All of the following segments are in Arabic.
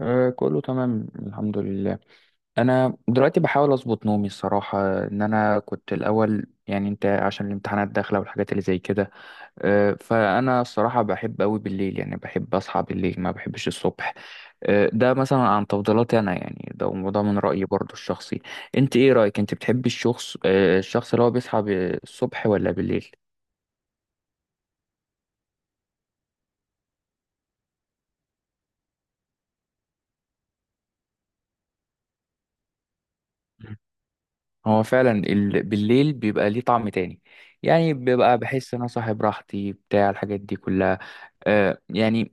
آه، كله تمام، الحمد لله. انا دلوقتي بحاول اظبط نومي الصراحه ان انا كنت الاول، يعني انت عشان الامتحانات داخله والحاجات اللي زي كده. فانا الصراحه بحب قوي بالليل، يعني بحب اصحى بالليل، ما بحبش الصبح. ده مثلا عن تفضيلاتي انا، يعني ده وده من رايي برضو الشخصي. انت ايه رايك؟ انت بتحبي الشخص الشخص اللي هو بيصحى الصبح ولا بالليل؟ مم. هو فعلا بالليل بيبقى ليه طعم تاني، يعني بيبقى بحس ان انا صاحي براحتي بتاع الحاجات دي كلها. يعني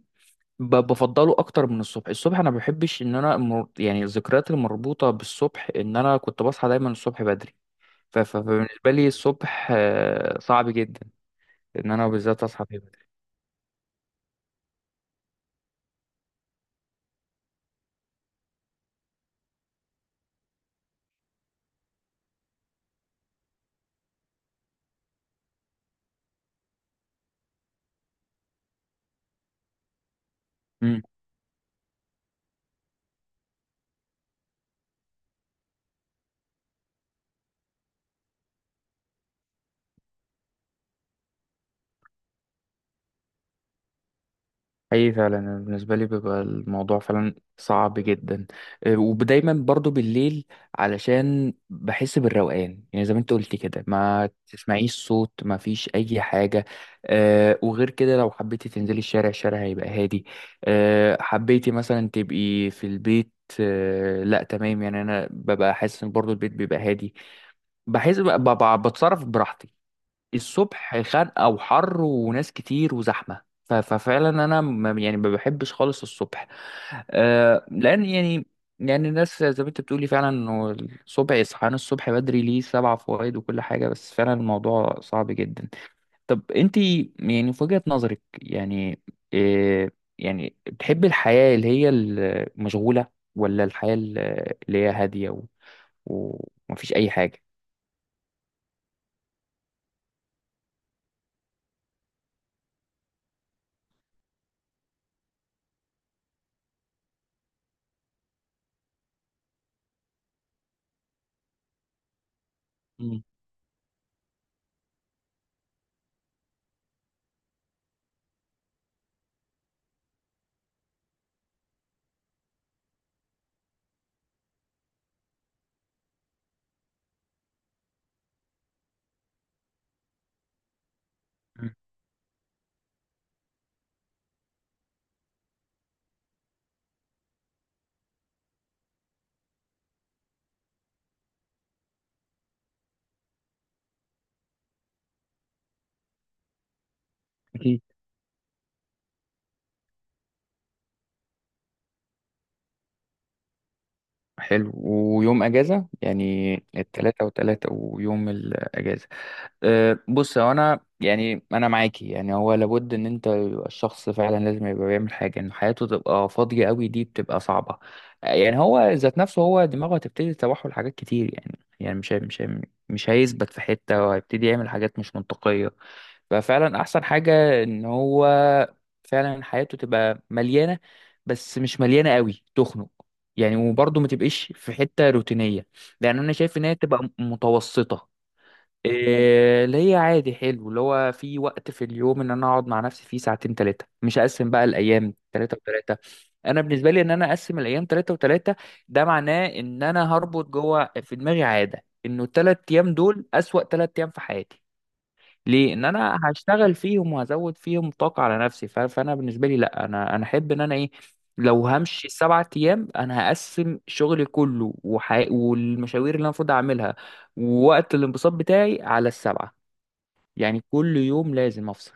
بفضله اكتر من الصبح انا ما بحبش ان انا يعني الذكريات المربوطه بالصبح ان انا كنت بصحى دايما الصبح بدري. فبالنسبه لي الصبح صعب جدا ان انا بالذات اصحى فيه بدري. اي فعلا، أنا بالنسبه لي بيبقى الموضوع فعلا صعب جدا. ودايما برضو بالليل علشان بحس بالروقان، يعني زي ما انت قلت كده ما تسمعيش صوت، ما فيش اي حاجه. وغير كده لو حبيتي تنزلي الشارع هيبقى هادي. حبيتي مثلا تبقي في البيت، لا، تمام، يعني انا ببقى حاسس ان برضو البيت بيبقى هادي. بحس بقى ببقى بتصرف براحتي. الصبح خنقة وحر وناس كتير وزحمة، ففعلا انا ما يعني ما بحبش خالص الصبح. لان يعني، يعني الناس زي ما انت بتقولي فعلا انه الصبح اصحيان الصبح بدري ليه سبع فوائد وكل حاجة، بس فعلا الموضوع صعب جدا. طب انت يعني في وجهة نظرك يعني إيه؟ يعني بتحبي الحياة اللي هي المشغولة ولا الحياة اللي هي هادية ومفيش اي حاجة؟ مم. مم. أكيد. حلو. ويوم اجازة يعني التلاتة وتلاتة ويوم الاجازة. بص هو انا يعني انا معاكي، يعني هو لابد ان انت يبقى الشخص فعلا لازم يبقى بيعمل حاجه، ان حياته تبقى فاضيه قوي دي بتبقى صعبه. يعني هو ذات نفسه هو دماغه هتبتدي تتوحل حاجات كتير، يعني مش هيثبت في حته وهيبتدي يعمل حاجات مش منطقيه. ففعلا احسن حاجه ان هو فعلا حياته تبقى مليانه، بس مش مليانه قوي تخنق، يعني وبرضه ما تبقاش في حته روتينيه لان انا شايف ان هي تبقى متوسطه. إيه اللي هي عادي، حلو اللي هو في وقت في اليوم ان انا اقعد مع نفسي فيه ساعتين ثلاثه، مش هقسم بقى الايام ثلاثه وثلاثه. انا بالنسبه لي ان انا اقسم الايام ثلاثه وثلاثه ده معناه ان انا هربط جوه في دماغي عاده انه الثلاث ايام دول اسوأ ثلاث ايام في حياتي، ليه؟ ان انا هشتغل فيهم وهزود فيهم طاقه على نفسي. فانا بالنسبه لي لا، انا احب ان انا ايه، لو همشي سبعة ايام انا هقسم شغلي كله والمشاوير اللي انا المفروض اعملها ووقت الانبساط بتاعي على السبعه، يعني كل يوم لازم افصل،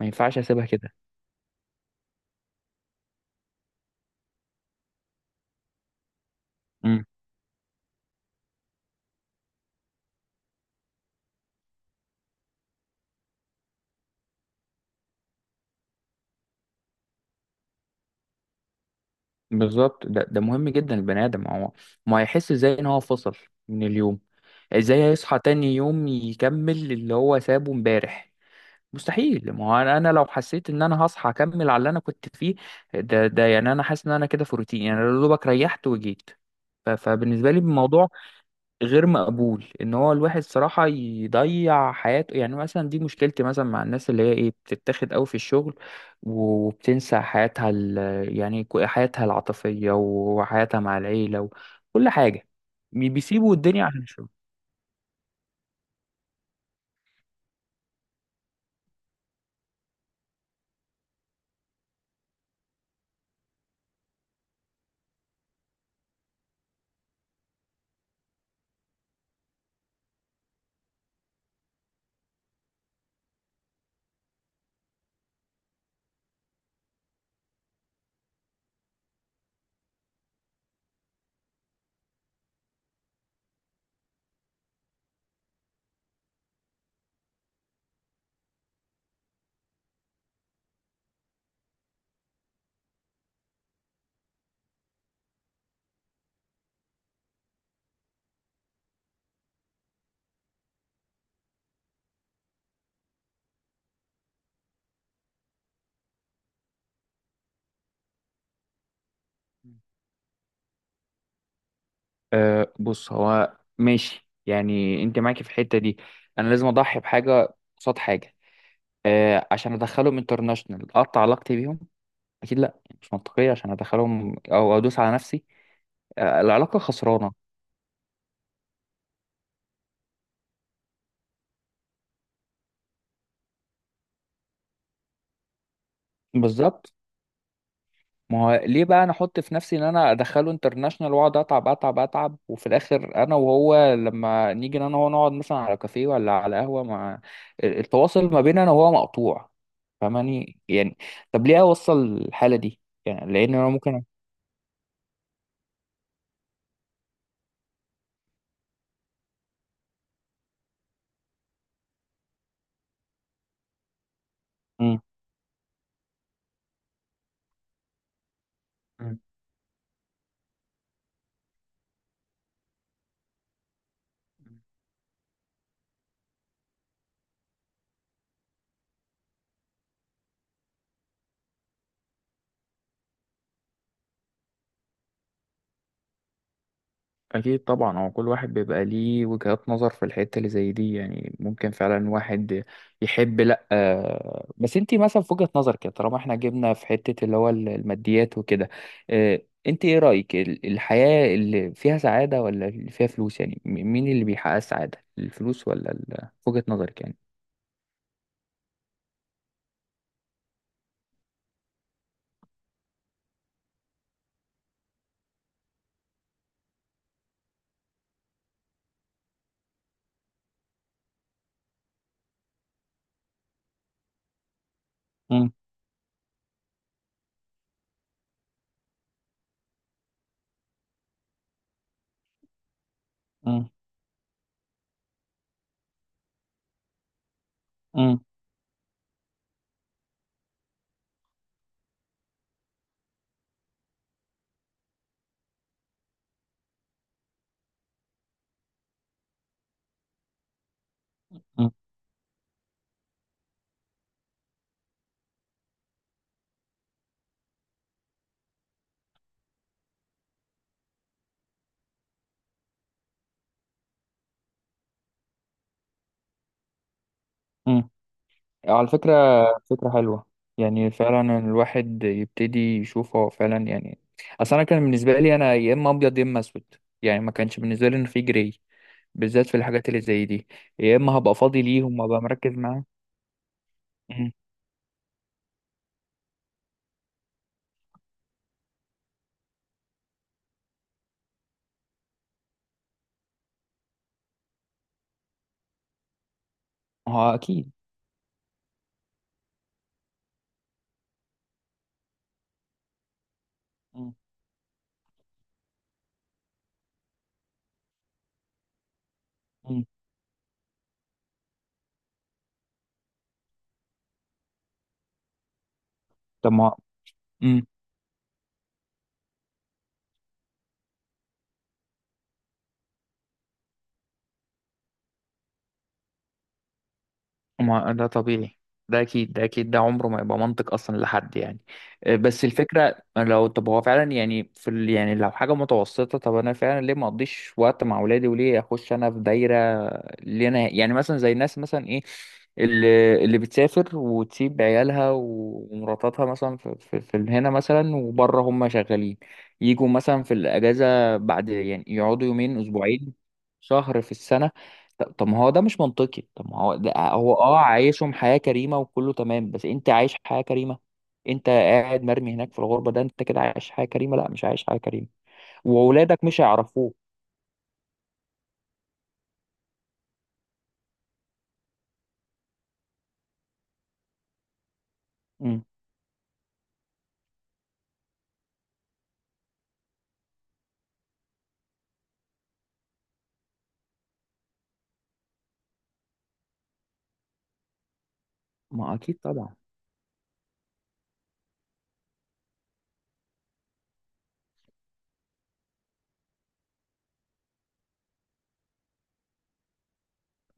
ما ينفعش اسيبها كده. امم. بالظبط، ده مهم جدا. البني ادم هو ما هيحس ازاي ان هو فصل من اليوم؟ ازاي هيصحى تاني يوم يكمل اللي هو سابه امبارح؟ مستحيل. ما هو انا لو حسيت ان انا هصحى اكمل على اللي انا كنت فيه، ده يعني انا حاسس ان انا كده في روتين، يعني أنا يا دوبك ريحت وجيت. فبالنسبه لي الموضوع غير مقبول ان هو الواحد صراحه يضيع حياته، يعني مثلا دي مشكلتي مثلا مع الناس اللي هي ايه بتتاخد قوي في الشغل وبتنسى حياتها يعني حياتها العاطفيه وحياتها مع العيله وكل حاجه، بيسيبوا الدنيا عشان الشغل. بص هو ماشي، يعني انت معاكي في الحته دي، انا لازم اضحي بحاجه قصاد حاجه، عشان ادخلهم انترناشونال اقطع علاقتي بيهم؟ اكيد لا، يعني مش منطقيه عشان ادخلهم او ادوس على نفسي. العلاقه خسرانه. بالظبط، ما هو ليه بقى انا احط في نفسي ان انا ادخله انترناشونال واقعد اتعب اتعب اتعب وفي الاخر انا وهو لما نيجي انا وهو نقعد مثلا على كافيه ولا على قهوه مع التواصل ما بيننا انا وهو مقطوع؟ فاهماني يعني؟ طب ليه اوصل الحاله دي يعني؟ لان انا ممكن مم. أكيد طبعا، هو كل واحد بيبقى ليه وجهات نظر في الحتة اللي زي دي، يعني ممكن فعلا واحد يحب لأ، بس انتي مثلا في وجهة نظرك كده طالما احنا جبنا في حتة اللي هو الماديات وكده، آه، انتي ايه رأيك الحياة اللي فيها سعادة ولا اللي فيها فلوس؟ يعني مين اللي بيحقق السعادة؟ الفلوس ولا في وجهة نظرك يعني؟ مم. مم. مم. مم. على فكرة، فكرة حلوة، يعني فعلا الواحد يبتدي يشوف هو فعلا يعني. أصل أنا كان بالنسبة لي أنا يا إما أبيض يا إما أسود، يعني ما كانش بالنسبة لي إن في جراي، بالذات في الحاجات اللي زي دي، يا إما هبقى فاضي ليهم وأبقى مركز معاهم. مم. ما هو أكيد. مم. مم. طب ما مم. ما ده طبيعي، ده اكيد، ده اكيد، ده عمره ما يبقى منطق اصلا لحد يعني. بس الفكره لو طب هو فعلا يعني في يعني لو حاجه متوسطه طب انا فعلا ليه ما اقضيش وقت مع اولادي وليه اخش انا في دايره اللي انا يعني مثلا زي الناس مثلا ايه اللي بتسافر وتسيب عيالها ومراتاتها مثلا في هنا مثلا وبره هم شغالين يجوا مثلا في الاجازه بعد، يعني يقعدوا يومين اسبوعين شهر في السنه. طب ما هو ده مش منطقي، طب ما هو ده هو عايشهم حياة كريمة وكله تمام، بس انت عايش حياة كريمة؟ انت قاعد مرمي هناك في الغربة، ده انت كده عايش حياة كريمة؟ لا، مش عايش حياة كريمة، واولادك مش هيعرفوه. مم. ما اكيد طبعا.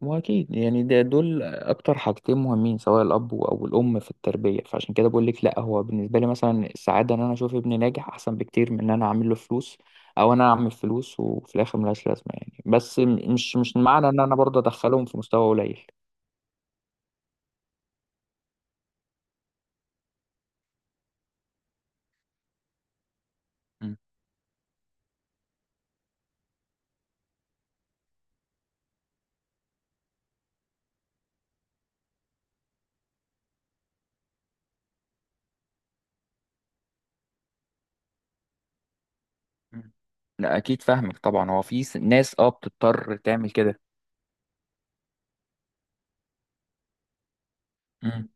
ما اكيد، يعني ده دول اكتر حاجتين مهمين سواء الاب او الام في التربية فعشان كده بقول لك لا هو بالنسبة لي مثلا السعادة ان انا اشوف ابني ناجح احسن بكتير من ان انا اعمل له فلوس او انا اعمل فلوس وفي الاخر ملهاش لازمة يعني بس م- مش مش معنى ان انا برضه ادخلهم في مستوى قليل مم. لا اكيد فاهمك طبعا هو في س- ناس اه بتضطر تعمل كده مم.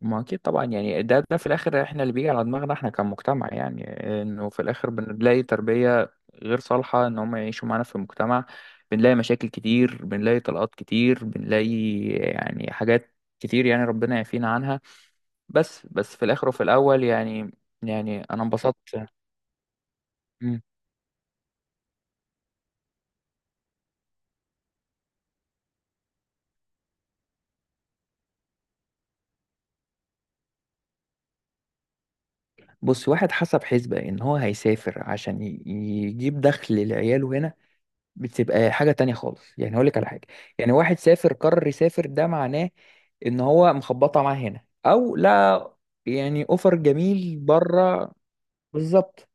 ما اكيد طبعا يعني ده في الاخر احنا اللي بيجي على دماغنا احنا كمجتمع، يعني انه في الاخر بنلاقي تربية غير صالحة ان هم يعيشوا معانا في المجتمع، بنلاقي مشاكل كتير، بنلاقي طلقات كتير، بنلاقي يعني حاجات كتير، يعني ربنا يعافينا عنها. بس في الاخر وفي الاول يعني، يعني انا انبسطت. مم. بص واحد حسب حسبة ان هو هيسافر عشان يجيب دخل لعياله هنا، بتبقى حاجة تانية خالص، يعني هقول لك على حاجة، يعني واحد سافر قرر يسافر ده معناه ان هو مخبطة معاه هنا او لا، يعني اوفر جميل بره. بالظبط.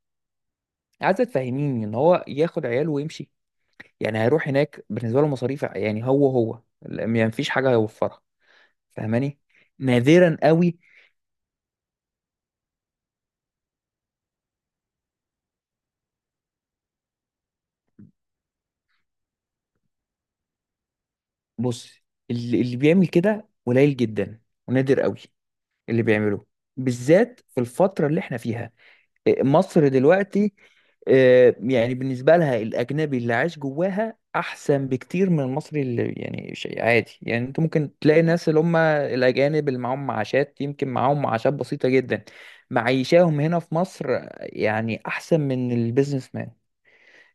عايز تفهميني ان هو ياخد عياله ويمشي؟ يعني هيروح هناك بالنسبة له مصاريف، يعني هو يعني مفيش حاجة هيوفرها. فاهماني؟ نادرا قوي. بص اللي بيعمل كده قليل جدا، ونادر قوي اللي بيعمله، بالذات في الفترة اللي احنا فيها مصر دلوقتي. يعني بالنسبة لها الأجنبي اللي عايش جواها أحسن بكتير من المصري، اللي يعني شيء عادي، يعني أنت ممكن تلاقي ناس اللي هم الأجانب اللي معاهم معاشات، يمكن معاهم معاشات بسيطة جدا معيشاهم هنا في مصر يعني أحسن من البيزنس مان.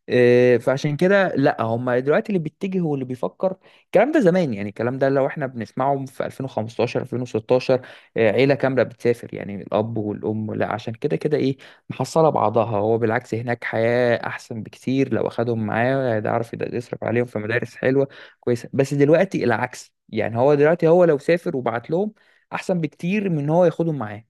إيه، فعشان كده لا هم دلوقتي اللي بيتجه واللي بيفكر الكلام ده زمان، يعني الكلام ده لو احنا بنسمعه في 2015 2016، إيه، عيله كامله بتسافر يعني الاب والام، لا عشان كده كده ايه محصله بعضها، هو بالعكس هناك حياه احسن بكتير لو اخدهم معاه هيعرف يصرف عليهم في مدارس حلوه كويسه. بس دلوقتي العكس، يعني هو دلوقتي هو لو سافر وبعت لهم احسن بكتير من ان هو ياخدهم معاه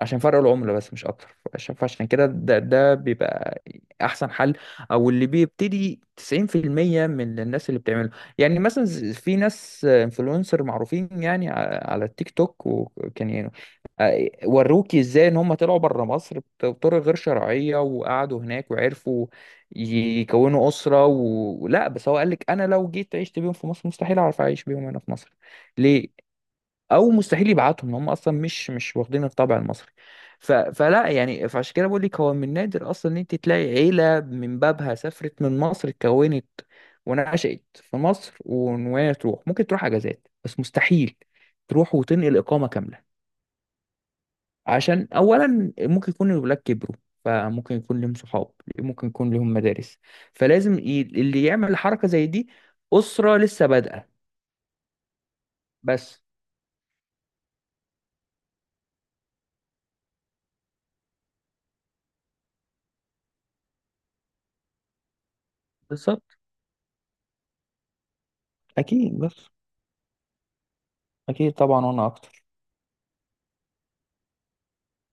عشان فرق العملة بس مش أكتر، عشان فعشان كده ده بيبقى أحسن حل أو اللي بيبتدي 90% من الناس اللي بتعمله، يعني مثلا في ناس انفلونسر معروفين، يعني على التيك توك وكان يعني وروكي ازاي ان هم طلعوا بره مصر بطرق غير شرعية وقعدوا هناك وعرفوا يكونوا أسرة ولا، بس هو قال لك انا لو جيت عشت بيهم في مصر مستحيل اعرف اعيش بيهم هنا في مصر، ليه؟ او مستحيل يبعتهم، هم اصلا مش واخدين الطابع المصري. فلا يعني فعشان كده بقول لك هو من نادر اصلا ان انت تلاقي عيله من بابها سافرت من مصر اتكونت ونشأت في مصر، وإن وهي تروح ممكن تروح اجازات بس مستحيل تروح وتنقل اقامه كامله، عشان اولا ممكن يكون الولاد كبروا فممكن يكون لهم صحاب، ممكن يكون لهم مدارس، فلازم اللي يعمل حركه زي دي اسره لسه بادئه. بس بالظبط، اكيد بس اكيد طبعا، وانا اكتر